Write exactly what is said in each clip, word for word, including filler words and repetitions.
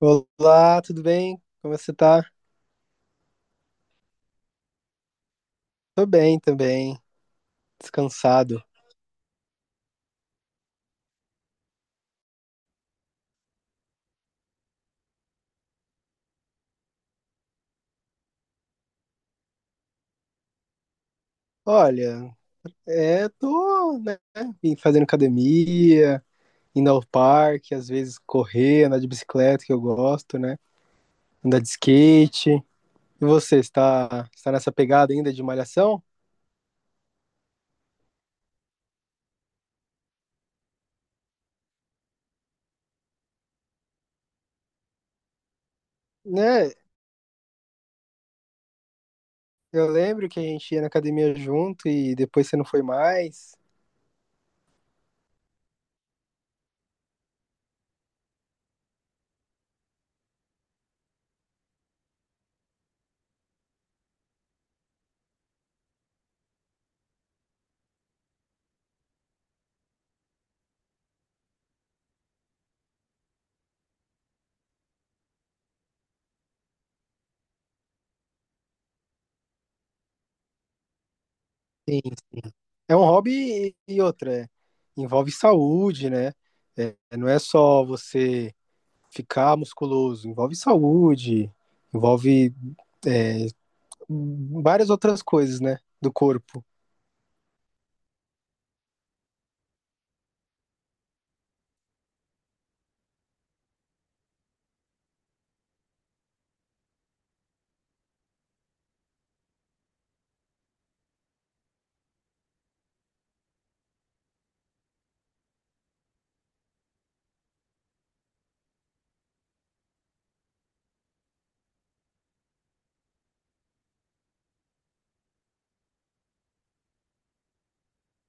Olá, tudo bem? Como você tá? Tô bem também, descansado. Olha, é, tô, né, vim fazendo academia, indo ao parque, às vezes correr, andar de bicicleta, que eu gosto, né? Andar de skate. E você, está, está nessa pegada ainda de malhação? Né, eu lembro que a gente ia na academia junto e depois você não foi mais. Sim, é um hobby e e outra, é, envolve saúde, né? É, não é só você ficar musculoso, envolve saúde, envolve é, várias outras coisas, né, do corpo.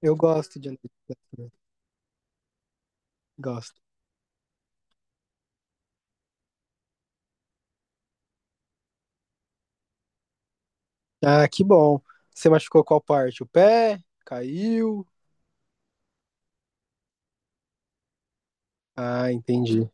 Eu gosto de andar de bicicleta, gosto. Ah, que bom. Você machucou qual parte? O pé? Caiu? Ah, entendi.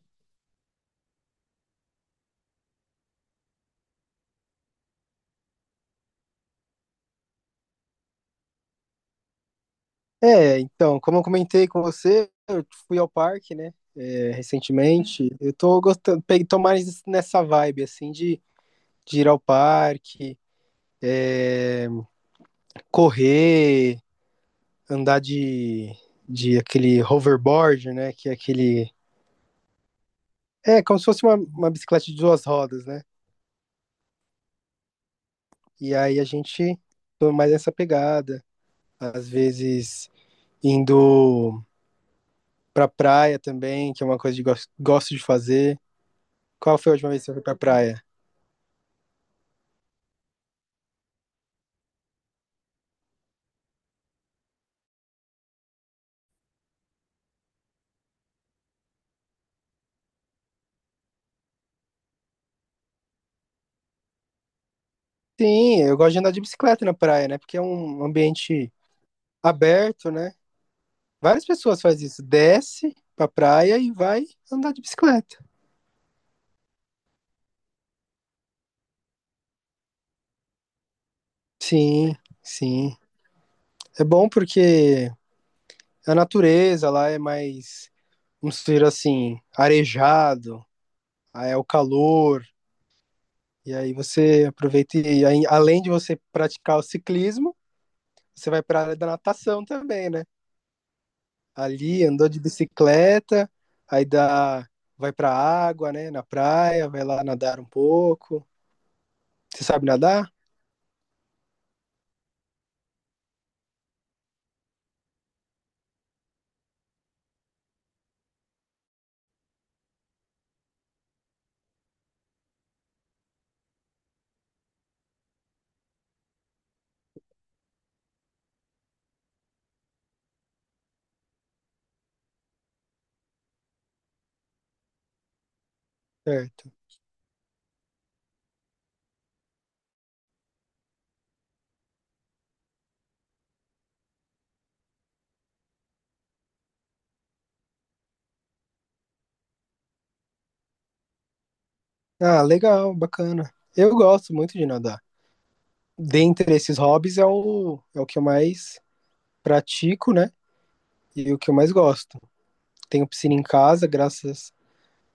É, então, como eu comentei com você, eu fui ao parque, né, é, recentemente. Eu tô gostando, peguei, tô mais nessa vibe, assim, de, de ir ao parque, correr, andar de, de aquele hoverboard, né? Que é aquele. É, como se fosse uma, uma bicicleta de duas rodas, né? E aí a gente toma mais essa pegada. Às vezes indo pra praia também, que é uma coisa que gosto, gosto de fazer. Qual foi a última vez que você foi pra praia? Sim, eu gosto de andar de bicicleta na praia, né? Porque é um ambiente aberto, né? Várias pessoas fazem isso. Desce pra praia e vai andar de bicicleta. Sim, sim. É bom porque a natureza lá é mais, vamos dizer assim, arejado, aí é o calor, e aí você aproveita e aí, além de você praticar o ciclismo, você vai para a área da natação também, né? Ali andou de bicicleta, aí dá, vai para a água, né? Na praia, vai lá nadar um pouco. Você sabe nadar? Certo. Ah, legal, bacana. Eu gosto muito de nadar. Dentre esses hobbies é o, é o que eu mais pratico, né? E o que eu mais gosto. Tenho piscina em casa, graças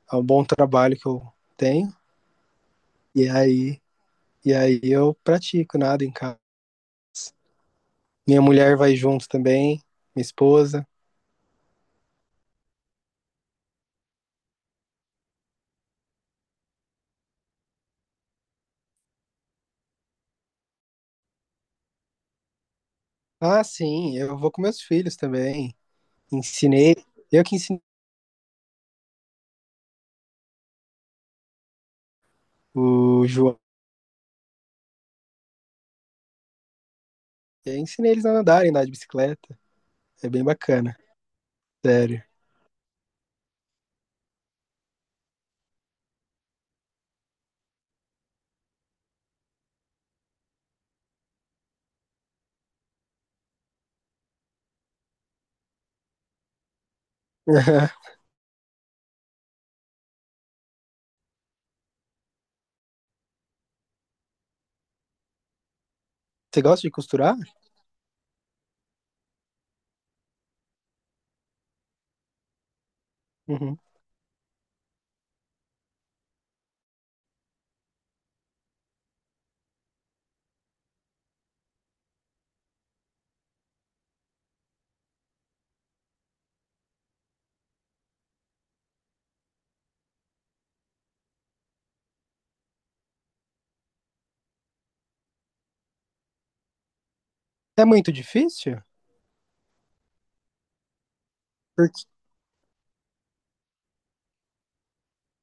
ao bom trabalho que eu tenho. E aí, e aí eu pratico nada em casa. Minha mulher vai junto também, minha esposa. Ah, sim, eu vou com meus filhos também. Ensinei, eu que ensinei o João. Eu ensinei eles a nadarem, andar de bicicleta. É bem bacana, sério. Você gosta de costurar? Uhum. É muito difícil? Porque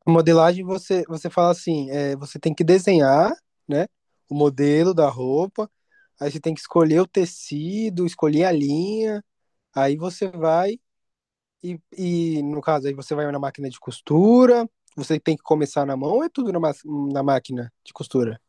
a modelagem você, você fala assim, é, você tem que desenhar, né, o modelo da roupa, aí você tem que escolher o tecido, escolher a linha, aí você vai e, e no caso aí você vai na máquina de costura, você tem que começar na mão ou é tudo na, ma- na máquina de costura?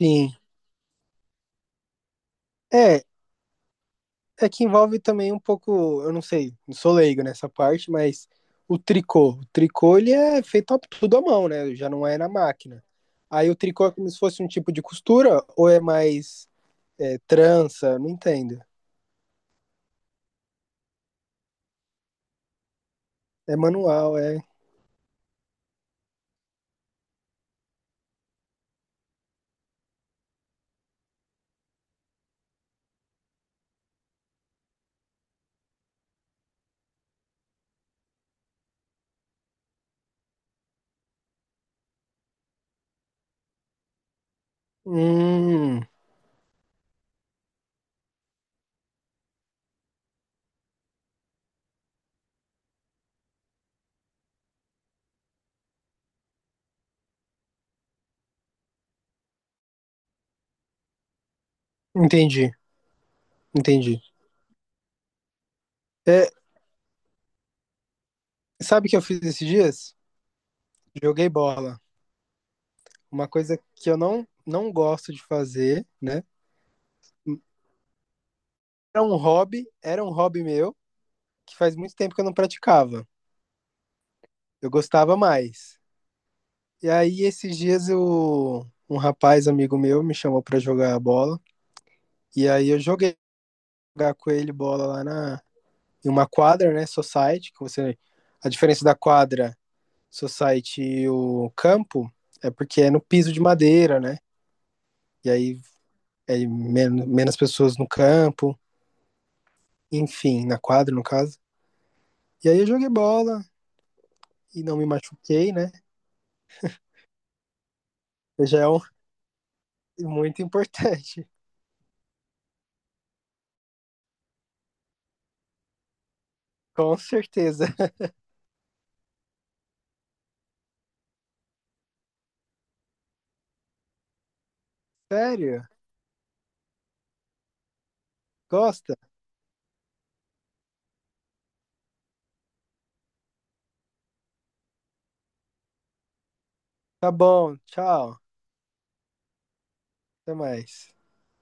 Sim. É, é que envolve também um pouco, eu não sei, não sou leigo nessa parte, mas o tricô. O tricô ele é feito a- tudo à mão, né? Já não é na máquina. Aí o tricô é como se fosse um tipo de costura ou é mais é, trança? Não entendo. É manual, é. Hum, entendi, entendi. É, sabe o que eu fiz esses dias? Joguei bola. Uma coisa que eu não, não gosto de fazer, né? Era um hobby, era um hobby meu, que faz muito tempo que eu não praticava. Eu gostava mais. E aí, esses dias, eu, um rapaz amigo meu me chamou pra jogar bola. E aí, eu joguei jogar com ele bola lá na, em uma quadra, né? Society, que você. A diferença da quadra, society e o campo é porque é no piso de madeira, né? E aí é men- menos pessoas no campo, enfim, na quadra, no caso. E aí eu joguei bola e não me machuquei, né? Já é um- muito importante, com certeza. Sério? Gosta? Tá bom, tchau. Até mais.